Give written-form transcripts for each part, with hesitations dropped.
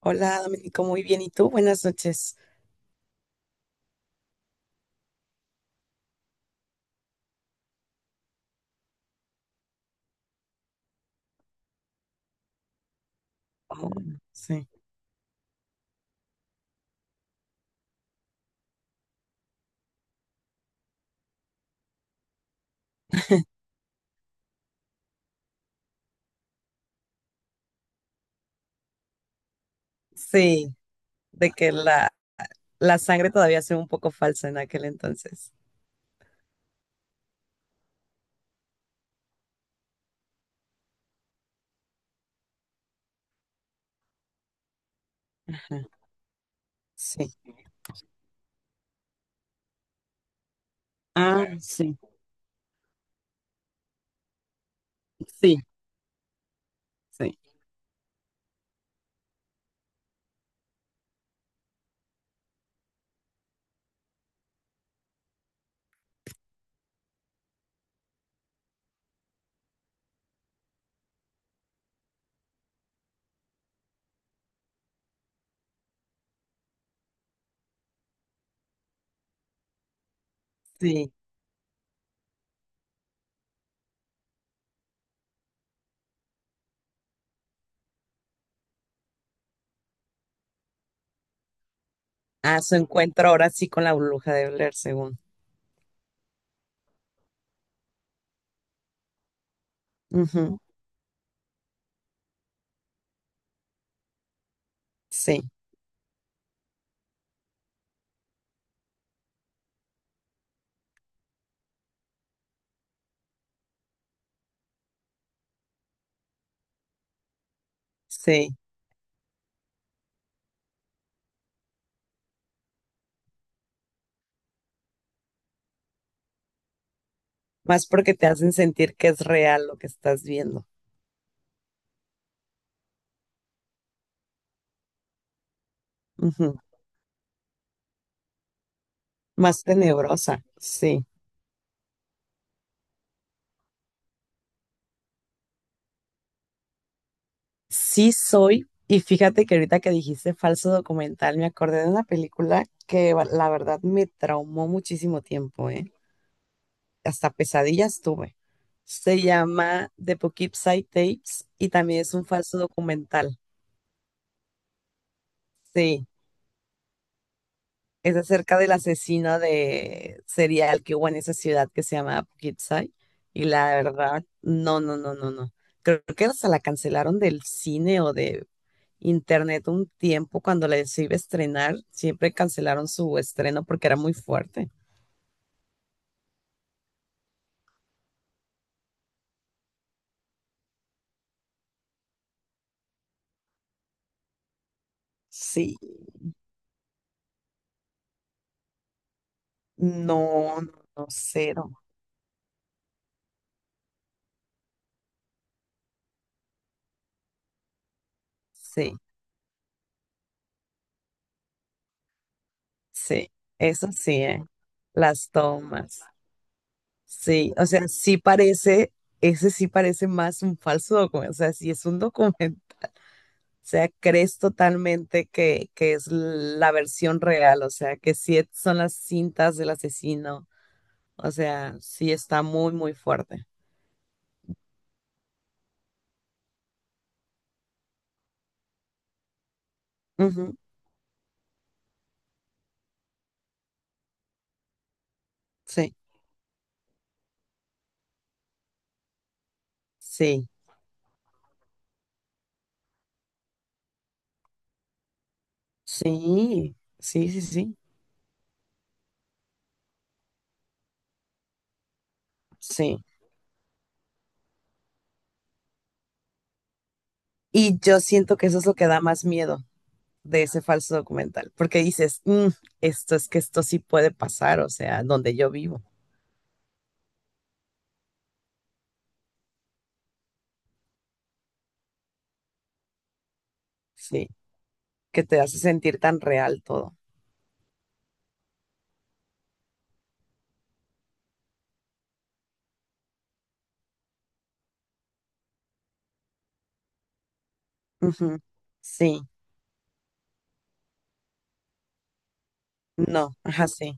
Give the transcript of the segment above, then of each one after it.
Hola, Domenico, muy bien. ¿Y tú? Buenas noches. Oh, sí. Sí, de que la sangre todavía se ve un poco falsa en aquel entonces. Ajá, sí. Ah, sí. Sí, sí. Sí, ah, su encuentro ahora sí con la bruja de Blair, según. Ujú, sí, sí. Más porque te hacen sentir que es real lo que estás viendo. Ujú, más tenebrosa, sí. Sí soy, y fíjate que ahorita que dijiste falso documental, me acordé de una película que la verdad me traumó muchísimo tiempo, ¿eh? Hasta pesadillas tuve. Se llama The Poughkeepsie Tapes y también es un falso documental. Sí. Es acerca del asesino de serial que hubo en esa ciudad que se llama Poughkeepsie. Y la verdad, no, no, no, no, no. Creo que hasta la cancelaron del cine o de internet un tiempo cuando la se iba a estrenar. Siempre cancelaron su estreno porque era muy fuerte. Sí, no, no, no, cero. Sí, sí, eso sí, ¿eh? Las tomas. Sí, o sea, sí parece, ese sí parece más un falso documento. O sea, sí es un documental. O sea, crees totalmente que es la versión real, o sea, que son las cintas del asesino, o sea, sí está muy, muy fuerte. Ujú, sí, sí, sí, sí, sí, sí, sí. Y yo siento que eso es lo que da más miedo de ese falso documental, porque dices, "Mm, esto es que esto sí puede pasar, o sea, donde yo vivo, sí, que te hace sentir tan real todo. Ujú, sí, no, ajá, sí,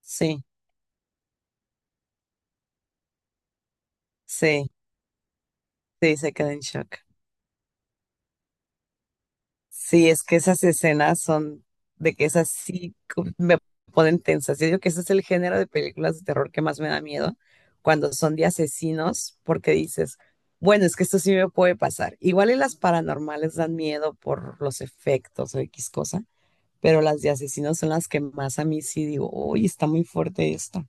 sí. Sí, sí, se queda en shock. Sí, es que esas escenas son de que esas sí me ponen tensas. Yo digo que ese es el género de películas de terror que más me da miedo cuando son de asesinos, porque dices, bueno, es que esto sí me puede pasar. Igual y las paranormales dan miedo por los efectos o X cosa, pero las de asesinos son las que más a mí sí digo, uy, está muy fuerte esto.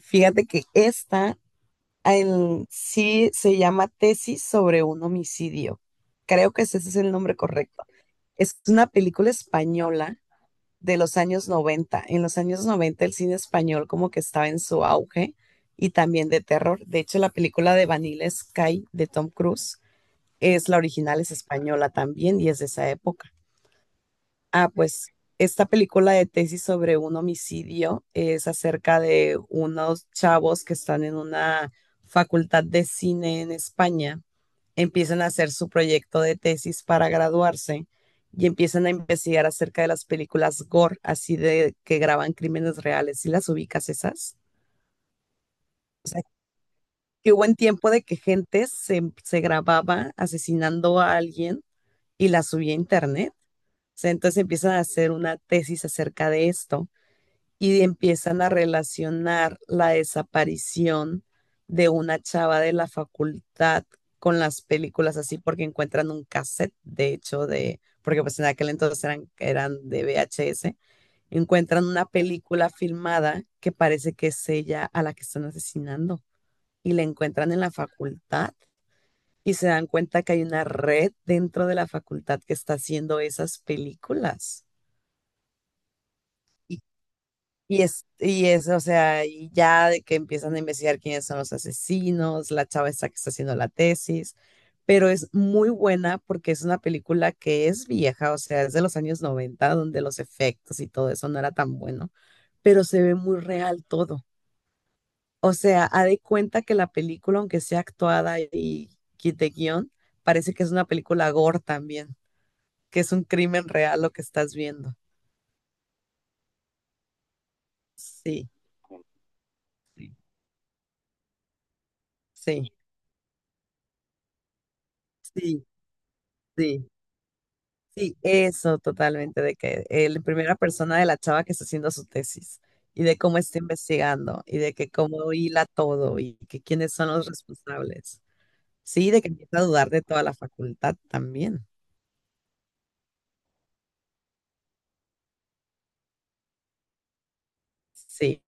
Fíjate que esta sí se llama Tesis sobre un homicidio. Creo que ese es el nombre correcto. Es una película española de los años 90. En los años 90 el cine español como que estaba en su auge y también de terror. De hecho, la película de Vanilla Sky de Tom Cruise es la original, es española también y es de esa época. Ah, pues esta película de tesis sobre un homicidio es acerca de unos chavos que están en una facultad de cine en España, empiezan a hacer su proyecto de tesis para graduarse y empiezan a investigar acerca de las películas gore, así de que graban crímenes reales. ¿Y las ubicas esas? O sea, que hubo un tiempo de que gente se grababa asesinando a alguien y la subía a internet. O sea, entonces empiezan a hacer una tesis acerca de esto y empiezan a relacionar la desaparición de una chava de la facultad con las películas así porque encuentran un cassette, de hecho, de, porque pues en aquel entonces eran de VHS, encuentran una película filmada que parece que es ella a la que están asesinando y la encuentran en la facultad y se dan cuenta que hay una red dentro de la facultad que está haciendo esas películas. Y Y es, y es, o sea, y ya de que empiezan a investigar quiénes son los asesinos, la chava esta que está haciendo la tesis, pero es muy buena porque es una película que es vieja, o sea, es de los años 90 donde los efectos y todo eso no era tan bueno, pero se ve muy real todo. O sea, ha de cuenta que la película, aunque sea actuada y de guión, parece que es una película gore también, que es un crimen real lo que estás viendo. Sí, sí, sí, sí. Sí, eso totalmente, de que el primera persona de la chava que está haciendo su tesis y de cómo está investigando y de que cómo hila todo y que quiénes son los responsables. Sí, de que empieza a dudar de toda la facultad también. Sí,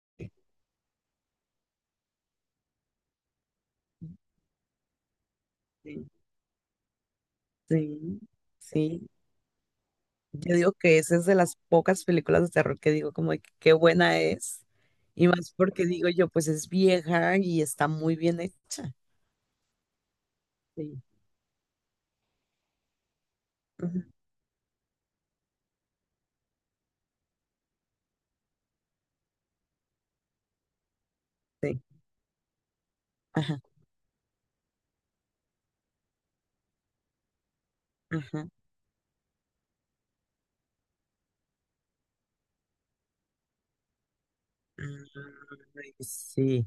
sí, sí. Sí. Yo digo que esa es de las pocas películas de terror que digo como de que qué buena es y más porque digo yo, pues es vieja y está muy bien hecha. Sí, ujú, sí, ajá, ajá. Ay, sí.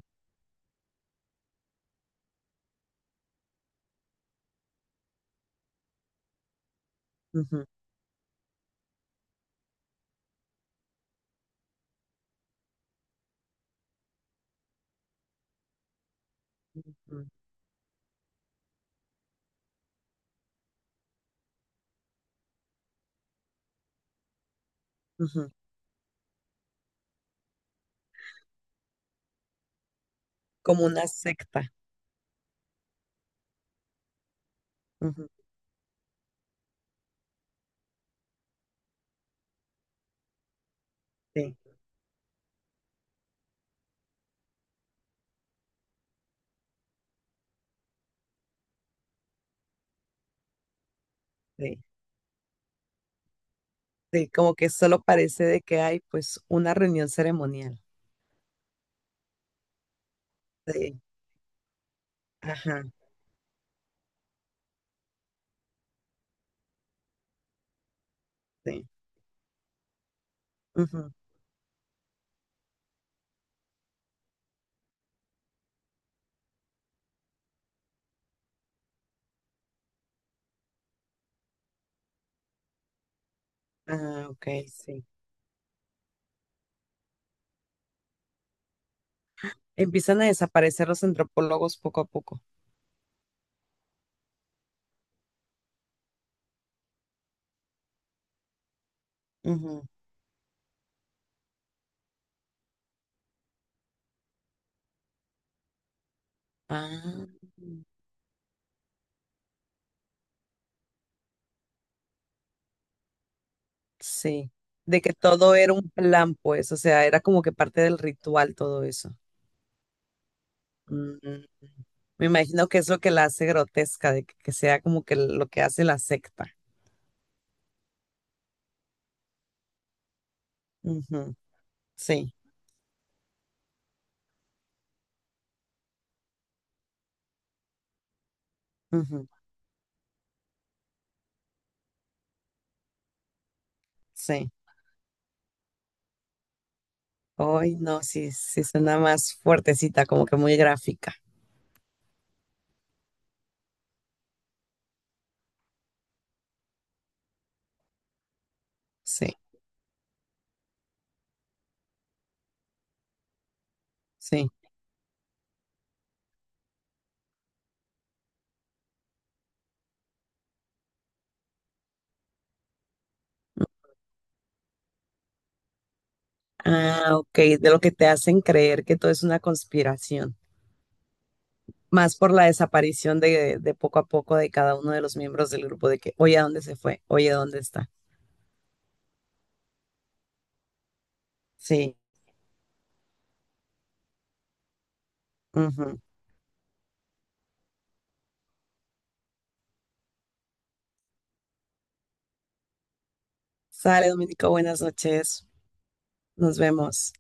Ujú, ujú, ujú. Como una secta. Ujú, sí, sí, sí, como que solo parece de que hay pues una reunión ceremonial. Sí, ajá, sí, ujú. Ah, ok, sí. Empiezan a desaparecer los antropólogos poco a poco. Ujú. Ah, sí. De que todo era un plan, pues, o sea, era como que parte del ritual todo eso. Mm, me imagino que es lo que la hace grotesca, de que sea como que lo que hace la secta. Ujú, sí. Sí. Hoy no, sí, sí suena más fuertecita, como que muy gráfica. Sí, sí. Ah, ok, de lo que te hacen creer que todo es una conspiración. Más por la desaparición de, poco a poco de cada uno de los miembros del grupo, de que, oye, ¿a dónde se fue? Oye, ¿dónde está? Sí, ujú. Sale, Dominico, buenas noches. Nos vemos.